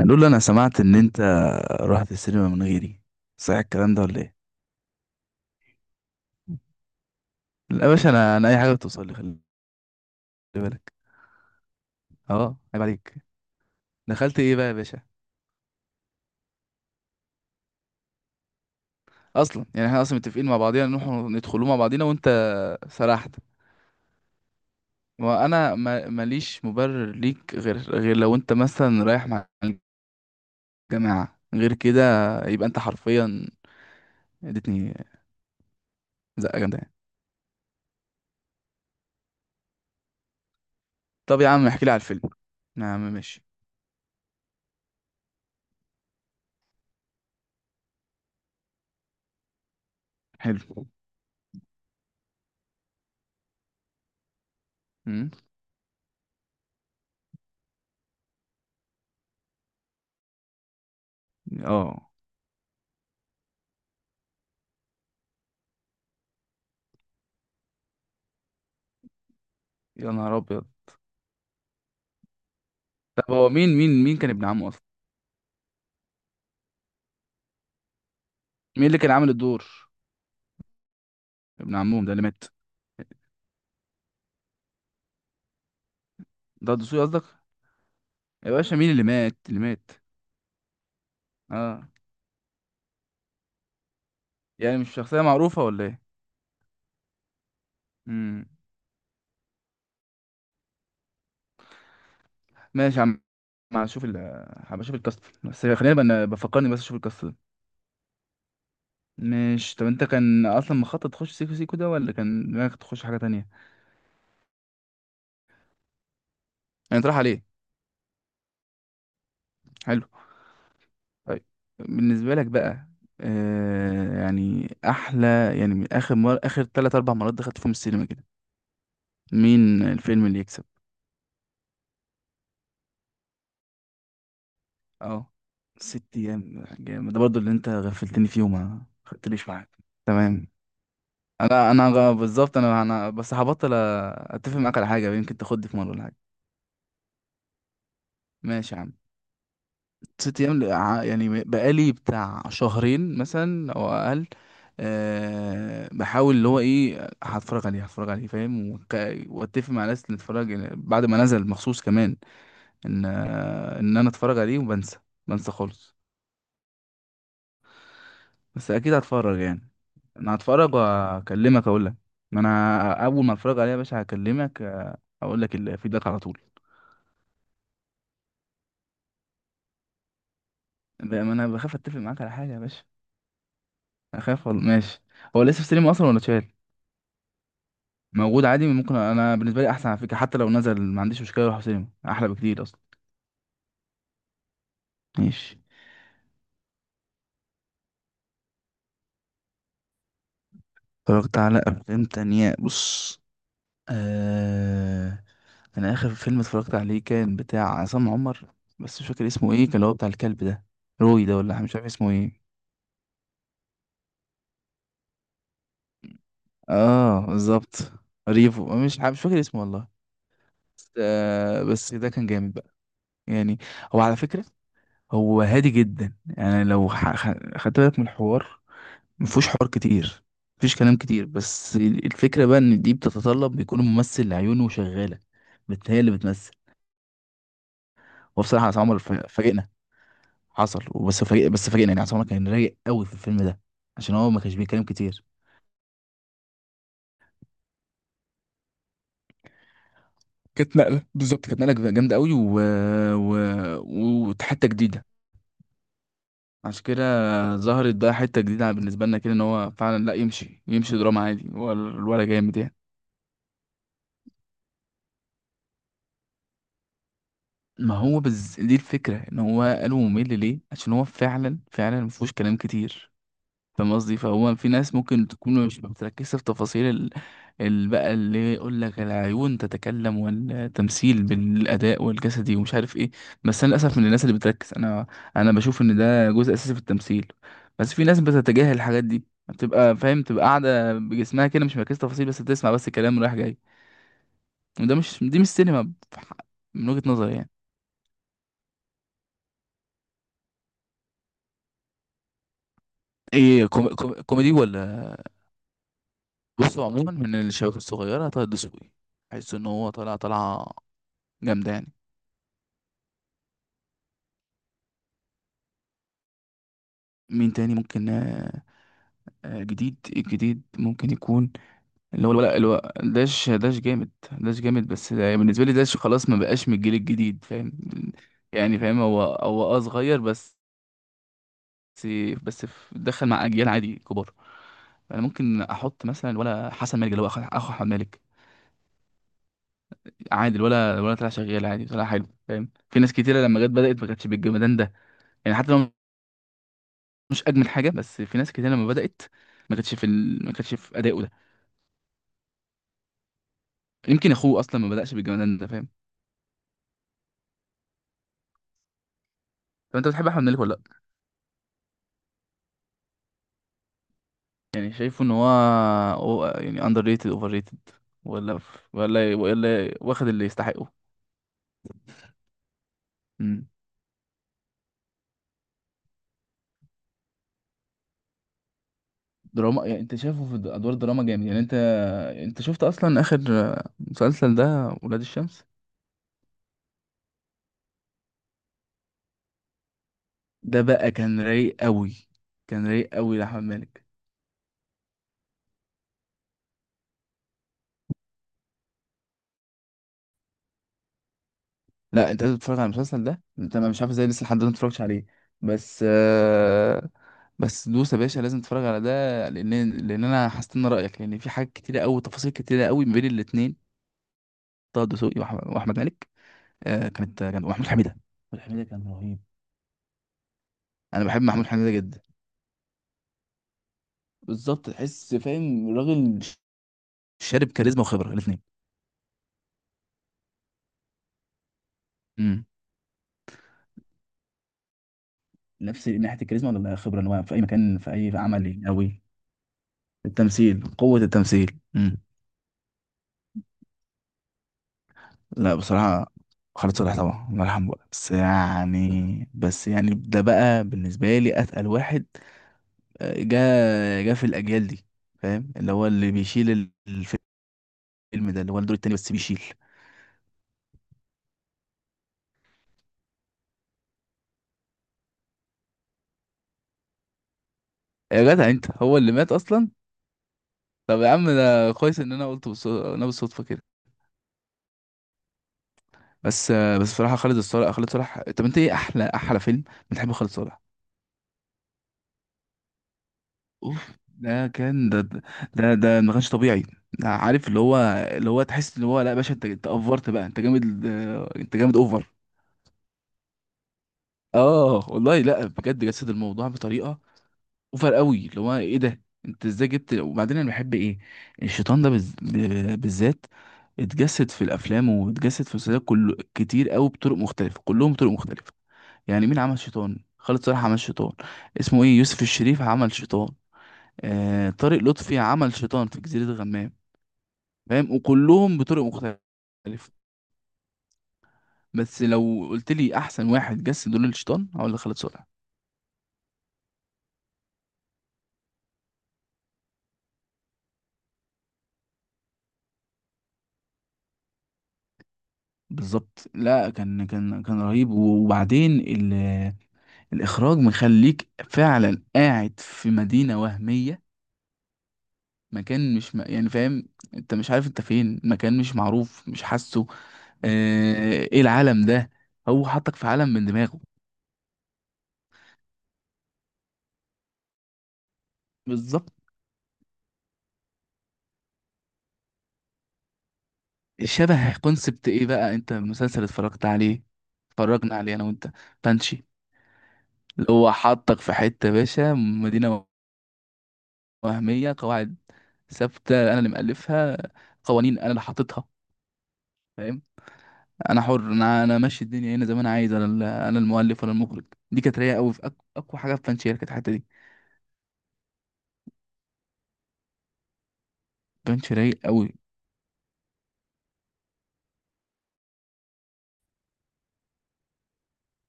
هنقول له انا سمعت ان انت رحت السينما من غيري. صحيح الكلام ده ولا ايه؟ لا يا باشا، انا اي حاجه بتوصل لي خلي بالك. اه، عيب عليك. دخلت ايه بقى يا باشا؟ اصلا يعني احنا اصلا متفقين مع بعضينا نروح ندخلوه مع بعضينا وانت سرحت. وانا ماليش مبرر ليك غير لو انت مثلا رايح مع الجماعه، غير كده يبقى انت حرفيا اديتني زقه جامده يعني. طب يا عم احكي لي على الفيلم. يا عم ماشي. حلو. أمم. اه، يا نهار ابيض. طب هو مين كان ابن عمه اصلا؟ مين اللي كان عامل الدور؟ ابن عمهم ده اللي مات؟ ده الدسوقي قصدك؟ يا باشا مين اللي مات، اللي مات؟ اه. يعني مش شخصيه معروفه ولا ايه؟ امم. ماشي يا عم. هبقى اشوف ال هبقى اشوف الكاست، بس خلينا بقى بفكرني بس اشوف الكاست ده. ماشي. طب انت كان اصلا مخطط تخش سيكو سيكو ده ولا كان دماغك تخش حاجه تانية؟ يعني طرح عليه. حلو. طيب. بالنسبه لك بقى، يعني احلى. يعني من اخر ثلاث اربع مرات دخلت فيهم السينما كده، مين الفيلم اللي يكسب؟ اه. ست ايام جامد ده برضو اللي انت غفلتني فيه وما خدتليش معاك. تمام. بالظبط، انا بس هبطل اتفق معاك على حاجه يمكن تاخدني في مره ولا حاجه. ماشي يا عم. ست ايام، يعني بقالي بتاع شهرين مثلا او اقل. بحاول اللي هو ايه هتفرج عليه، فاهم. واتفق مع ناس اللي اتفرج بعد ما نزل مخصوص كمان، ان ان انا اتفرج عليه وبنسى. بنسى خالص. بس اكيد هتفرج يعني. انا هتفرج وهكلمك اقول لك. ما انا اول ما اتفرج عليها يا باشا هكلمك، اقول لك الفيدباك على طول. لا، ما انا بخاف اتفق معاك على حاجه يا باشا. اخاف ولا ماشي. هو لسه في سينما اصلا ولا اتشال؟ موجود عادي ممكن. انا بالنسبه لي احسن على فكره، حتى لو نزل ما عنديش مشكله اروح سينما احلى بكتير اصلا. ماشي. اتفرجت على افلام تانية؟ بص، آه... انا اخر فيلم اتفرجت عليه كان بتاع عصام عمر، بس مش فاكر اسمه ايه، كان اللي هو بتاع الكلب ده. روي ده، ولا مش عارف اسمه ايه. اه بالظبط. ريفو، مش فاكر اسمه والله. بس ده كان جامد بقى يعني. هو على فكرة هو هادي جدا يعني، لو خدت بالك من الحوار، مفهوش حوار كتير. مفيش كلام كتير، بس الفكرة بقى ان دي بتتطلب بيكون الممثل عيونه شغالة، هي اللي بتمثل. وبصراحة عصام عمر فاجئنا. حصل وبس فاجئ، بس فاجئنا يعني. عصام عمر كان رايق قوي في الفيلم ده عشان هو ما كانش بيتكلم كتير. كانت نقلة، بالظبط، كانت نقلة جامدة قوي وحتة جديدة. عشان كده ظهرت بقى حتة جديدة بالنسبة لنا كده، ان هو فعلا لا يمشي، يمشي دراما عادي. هو الولا جامد يعني. ما هو دي الفكرة، ان هو قالوا ممل ليه؟ عشان هو فعلا فعلا مفهوش كلام كتير. فاهم قصدي؟ فهو في ناس ممكن تكون مش بتركز في تفاصيل بقى اللي يقول لك العيون تتكلم والتمثيل بالاداء والجسدي ومش عارف ايه. بس انا للاسف من الناس اللي بتركز. انا بشوف ان ده جزء اساسي في التمثيل. بس في ناس بتتجاهل الحاجات دي، بتبقى فاهم تبقى قاعده بجسمها كده مش مركزه تفاصيل، بس بتسمع بس كلام رايح جاي. وده مش، دي مش سينما من وجهة نظري يعني. ايه، كوميدي ولا؟ بصوا عموما، من الشباب الصغيره طه الدسوقي، بحس ان هو طالع طالعه جامدة يعني. مين تاني ممكن؟ جديد الجديد ممكن يكون. اللي هو لا، اللي هو داش جامد، داش جامد، بالنسبة لي داش خلاص ما بقاش من الجيل الجديد فاهم. يعني فاهم هو صغير بس، بس دخل مع أجيال عادي كبار. انا ممكن احط مثلا ولا حسن مالك اللي هو أخو احمد مالك، عادي. الولا طلع شغال عادي، طلع حلو، فاهم. في ناس كتيره لما جت بدات ما كانتش بالجمدان ده يعني. حتى لو مش اجمل حاجه، بس في ناس كتيره لما بدات ما كانتش في ادائه ده. يمكن اخوه اصلا ما بدأش بالجمدان ده فاهم. طب انت بتحب احمد مالك ولا لا؟ يعني شايفه ان هو، هو يعني اندر ريتد، اوفر ريتد ولا، ولا واخد اللي يستحقه؟ مم. دراما يعني؟ انت شايفه في ادوار دراما جامد يعني؟ انت شفت اصلا اخر مسلسل ده، ولاد الشمس؟ ده بقى كان رايق قوي. كان رايق قوي لاحمد مالك. لا انت لازم تتفرج على المسلسل ده. انت ما مش عارف ازاي لسه لحد دلوقتي ما اتفرجتش عليه. بس بس دوس يا باشا لازم تتفرج على ده. لان انا هستنى رايك، لان في حاجات كتيره قوي، تفاصيل كتيره قوي ما بين الاثنين، طه دسوقي واحمد مالك. كان ومحمود حميده. محمود حميده كان رهيب. انا بحب محمود حميده جدا. بالظبط، تحس فاهم راجل شارب كاريزما وخبره الاثنين. امم. نفس ناحيه الكاريزما ولا خبره ان هو في اي مكان في اي عمل قوي؟ التمثيل، قوه التمثيل. لا بصراحة، خالد صالح طبعا الله يرحمه بقى، بس يعني ده بقى بالنسبة لي أتقل واحد. آه، جا جا في الأجيال دي فاهم. اللي هو اللي بيشيل الفيلم ده، اللي هو الدور التاني بس بيشيل. يا جدع أنت، هو اللي مات أصلا. طب يا عم ده كويس إن أنا قلت أنا بالصدفة كده. بس بصراحة، خالد الصالح، خالد صالح، طب أنت إيه أحلى فيلم بتحبه خالد صالح؟ اوف ده كان ده، ده ما كانش طبيعي. ده عارف اللي هو، اللي هو تحس اللي هو، لا يا باشا انت افرت بقى، انت جامد، انت جامد اوفر. اه والله، لا بجد جسد الموضوع بطريقه اوفر قوي، اللي هو ايه ده انت ازاي جبت. وبعدين انا بحب ايه الشيطان ده بالذات، اتجسد في الافلام واتجسد في المسلسلات كله كتير قوي بطرق مختلفه، كلهم بطرق مختلفه. يعني مين عمل شيطان؟ خالد صالح عمل شيطان، اسمه ايه يوسف الشريف عمل شيطان، طارق لطفي عمل شيطان في جزيرة غمام، فاهم، وكلهم بطرق مختلفة. بس لو قلت لي احسن واحد جس دور الشيطان هقول لك خالد صالح. بالظبط. لا كان، كان رهيب. وبعدين الاخراج مخليك فعلا قاعد في مدينة وهمية. مكان مش م... يعني فاهم انت مش عارف انت فين، مكان مش معروف، مش حاسه. ايه العالم ده. هو حطك في عالم من دماغه. بالظبط. شبه كونسبت ايه بقى، انت مسلسل اتفرجت عليه، اتفرجنا عليه انا وانت، بانشي. اللي هو حطك في حتة يا باشا، مدينة وهمية، قواعد ثابتة انا اللي مألفها، قوانين انا اللي حاططها، فاهم. انا حر، انا ماشي الدنيا هنا زي ما انا عايز. انا انا المؤلف ولا المخرج. دي كانت رايقة قوي في اقوى حاجة في بانشي، هي كانت الحتة دي. بانشي رايق قوي.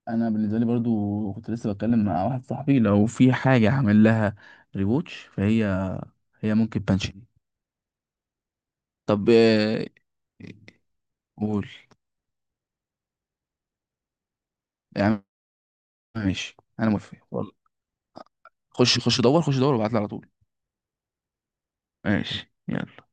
انا بالنسبة لي برضو كنت لسه بتكلم مع واحد صاحبي، لو في حاجة هعمل لها ريوتش فهي، هي ممكن بانشي. طب قول. يا عم ماشي، انا موافق والله. خش، خش دور، خش دور، وابعت لي على طول. ماشي يلا.